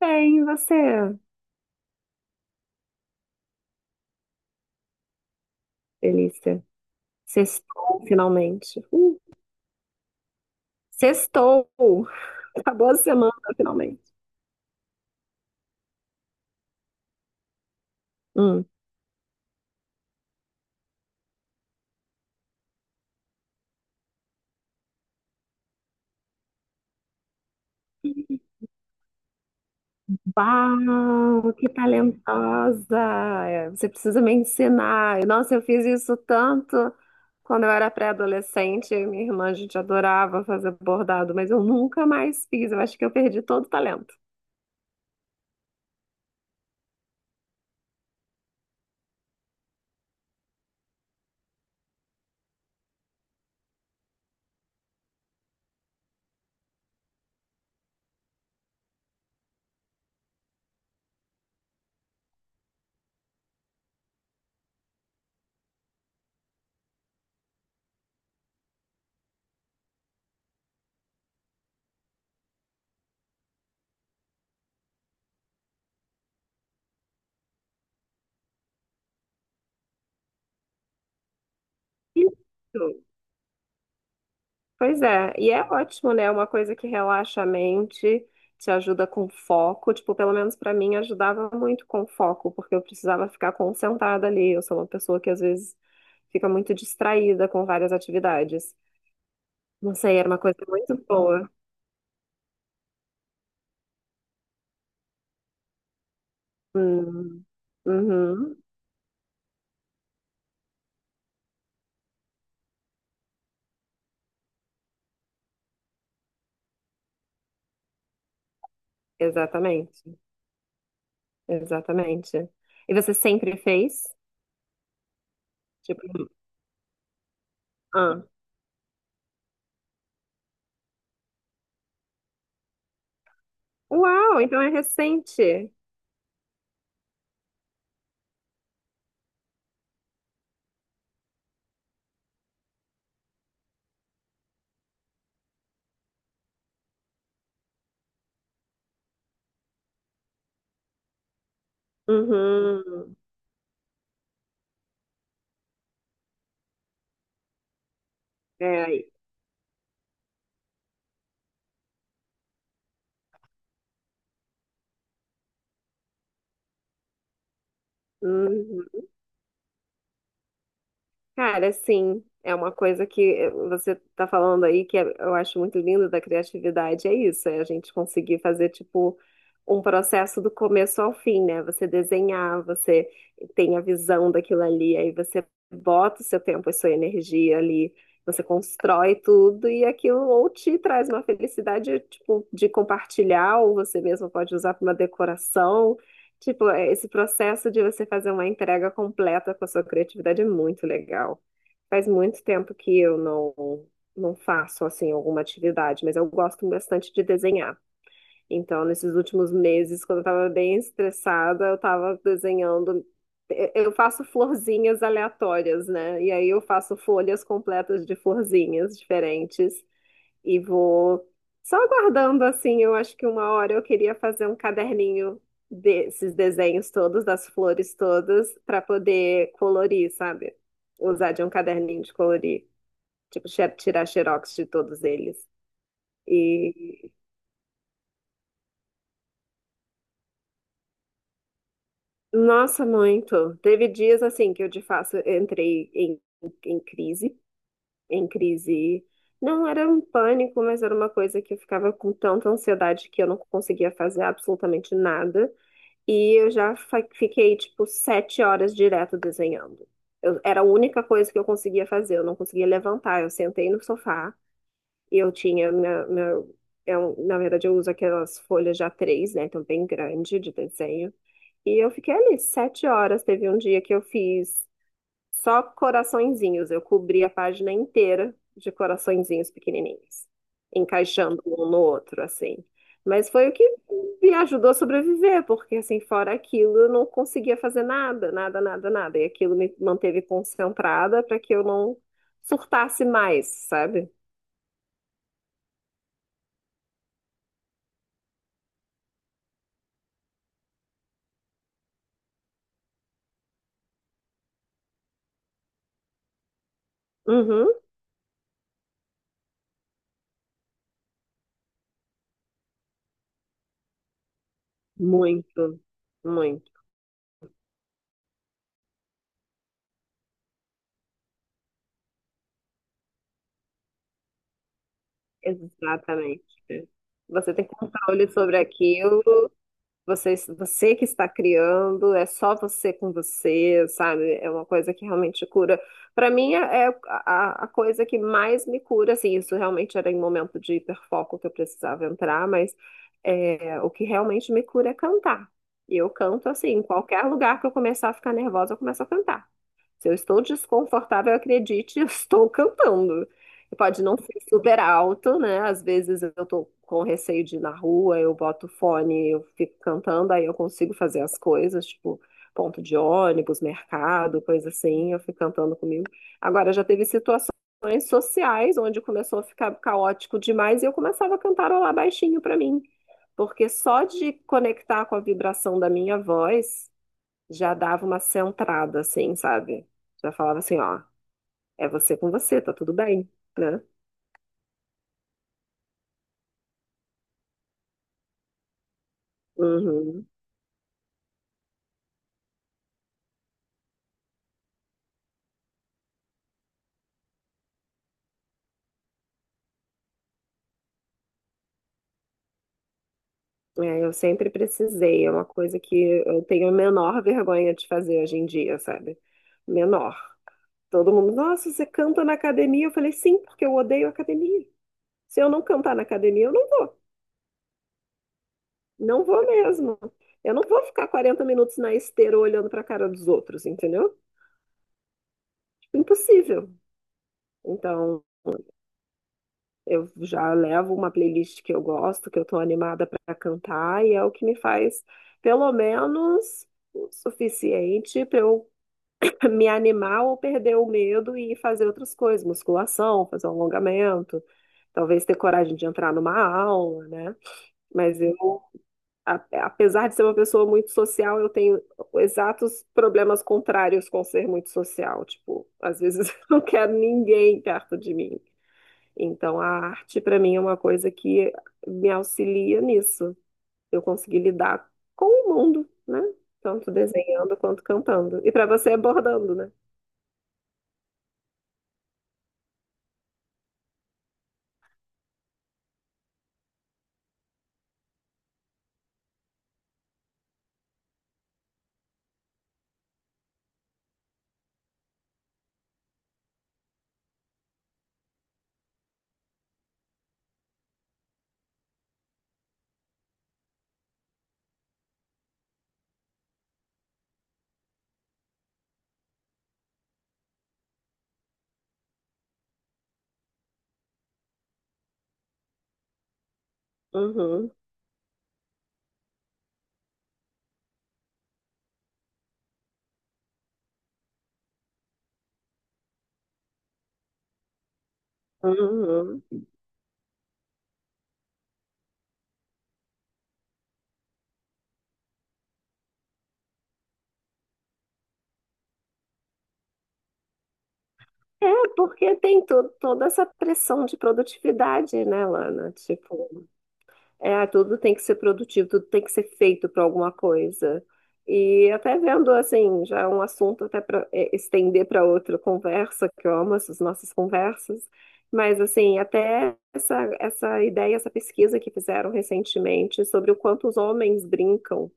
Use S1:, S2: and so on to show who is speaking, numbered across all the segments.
S1: Bem, e você, Felícia? Sextou, finalmente. Sextou! Acabou a semana, finalmente. Hum. Uau, que talentosa! É, você precisa me ensinar. Nossa, eu fiz isso tanto quando eu era pré-adolescente. Eu e minha irmã, a gente adorava fazer bordado, mas eu nunca mais fiz. Eu acho que eu perdi todo o talento. Isso! Pois é, e é ótimo, né? É uma coisa que relaxa a mente, te ajuda com foco. Tipo, pelo menos pra mim ajudava muito com foco, porque eu precisava ficar concentrada ali. Eu sou uma pessoa que às vezes fica muito distraída com várias atividades. Não sei, era uma coisa muito boa. Hum, uhum, exatamente, exatamente. E você sempre fez? Tipo, ah, uau, então é recente. Uhum, é aí. Uhum. Cara, sim, é uma coisa que você está falando aí que é, eu acho muito lindo da criatividade, é isso, é a gente conseguir fazer tipo um processo do começo ao fim, né? Você desenhar, você tem a visão daquilo ali, aí você bota o seu tempo e sua energia ali, você constrói tudo e aquilo ou te traz uma felicidade tipo de compartilhar, ou você mesmo pode usar para uma decoração. Tipo, é, esse processo de você fazer uma entrega completa com a sua criatividade é muito legal. Faz muito tempo que eu não, não faço, assim, alguma atividade, mas eu gosto bastante de desenhar. Então, nesses últimos meses, quando eu estava bem estressada, eu estava desenhando. Eu faço florzinhas aleatórias, né? E aí eu faço folhas completas de florzinhas diferentes e vou só aguardando assim, eu acho que uma hora eu queria fazer um caderninho desses desenhos todos, das flores todas, para poder colorir, sabe? Usar de um caderninho de colorir, tipo tirar xerox de todos eles. E nossa, muito. Teve dias assim que eu de fato entrei em, em crise, em crise. Não era um pânico, mas era uma coisa que eu ficava com tanta ansiedade que eu não conseguia fazer absolutamente nada. E eu já fiquei, tipo, sete horas direto desenhando. Eu, era a única coisa que eu conseguia fazer, eu não conseguia levantar. Eu sentei no sofá e eu tinha minha, meu, eu, na verdade, eu uso aquelas folhas de A3, né? Então, bem grande de desenho. E eu fiquei ali sete horas. Teve um dia que eu fiz. Só coraçõezinhos. Eu cobri a página inteira de coraçõezinhos pequenininhos, encaixando um no outro, assim. Mas foi o que me ajudou a sobreviver, porque assim, fora aquilo, eu não conseguia fazer nada, nada, nada, nada. E aquilo me manteve concentrada para que eu não surtasse mais, sabe? Uhum. Muito, muito. Exatamente. Você tem controle sobre aquilo. Você, você que está criando, é só você com você, sabe? É uma coisa que realmente cura. Para mim, é a coisa que mais me cura, assim, isso realmente era em momento de hiperfoco que eu precisava entrar, mas é, o que realmente me cura é cantar. E eu canto, assim, em qualquer lugar que eu começar a ficar nervosa, eu começo a cantar. Se eu estou desconfortável, acredite, eu estou cantando. Pode não ser super alto, né? Às vezes eu estou com receio de ir na rua, eu boto fone, eu fico cantando, aí eu consigo fazer as coisas, tipo ponto de ônibus, mercado, coisa assim, eu fico cantando comigo. Agora, já teve situações sociais onde começou a ficar caótico demais e eu começava a cantarolar baixinho para mim, porque só de conectar com a vibração da minha voz já dava uma centrada, assim, sabe? Já falava assim, ó, é você com você, tá tudo bem, né? Uhum. É, eu sempre precisei, é uma coisa que eu tenho a menor vergonha de fazer hoje em dia, sabe? Menor. Todo mundo, nossa, você canta na academia? Eu falei, sim, porque eu odeio academia. Se eu não cantar na academia, eu não vou. Não vou mesmo. Eu não vou ficar 40 minutos na esteira olhando pra cara dos outros, entendeu? Tipo, impossível. Então, eu já levo uma playlist que eu gosto, que eu tô animada para cantar, e é o que me faz, pelo menos, o suficiente para eu me animar ou perder o medo e fazer outras coisas, musculação, fazer um alongamento, talvez ter coragem de entrar numa aula, né? Mas eu, apesar de ser uma pessoa muito social, eu tenho exatos problemas contrários com ser muito social. Tipo, às vezes eu não quero ninguém perto de mim. Então, a arte, para mim, é uma coisa que me auxilia nisso. Eu consegui lidar com o mundo, né? Tanto desenhando quanto cantando. E para você é bordando, né? Uhum, uhum. É, porque tem to toda essa pressão de produtividade, né, Lana? Tipo, é, tudo tem que ser produtivo, tudo tem que ser feito para alguma coisa. E até vendo, assim, já é um assunto até para estender para outra conversa, que eu amo essas nossas conversas, mas, assim, até essa, essa ideia, essa pesquisa que fizeram recentemente sobre o quanto os homens brincam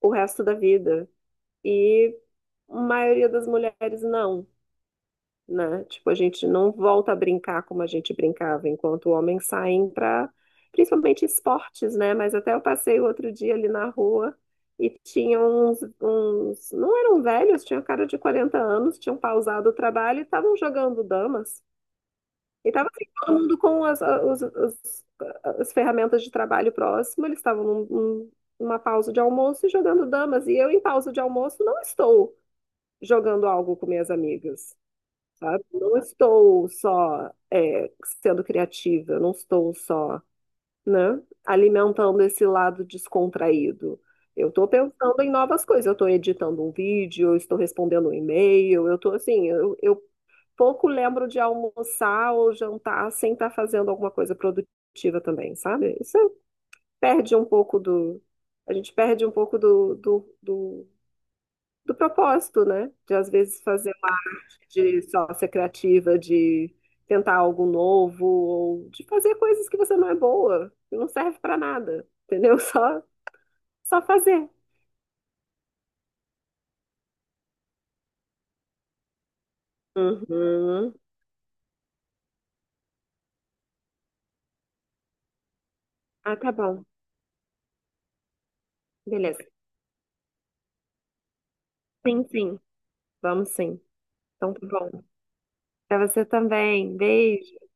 S1: o resto da vida. E a maioria das mulheres não, né? Tipo, a gente não volta a brincar como a gente brincava, enquanto homens saem para, principalmente esportes, né? Mas até eu passei o outro dia ali na rua e tinha uns, não eram velhos, tinha cara de 40 anos, tinham pausado o trabalho e estavam jogando damas. E estava assim, todo mundo com as, as ferramentas de trabalho próximo, eles estavam numa pausa de almoço e jogando damas. E eu, em pausa de almoço, não estou jogando algo com minhas amigas, sabe? Não estou só é, sendo criativa, eu não estou só, né, alimentando esse lado descontraído. Eu estou pensando em novas coisas, eu estou editando um vídeo, eu estou respondendo um e-mail, eu estou assim, eu pouco lembro de almoçar ou jantar sem estar fazendo alguma coisa produtiva também, sabe? Isso perde um pouco do, a gente perde um pouco do, do do propósito, né? De às vezes fazer de sócia criativa, de tentar algo novo, ou de fazer coisas que você não é boa, que não serve pra nada, entendeu? Só, só fazer. Uhum. Ah, tá bom. Beleza. Sim, sim. Vamos sim. Então tá bom. Pra você também. Beijo.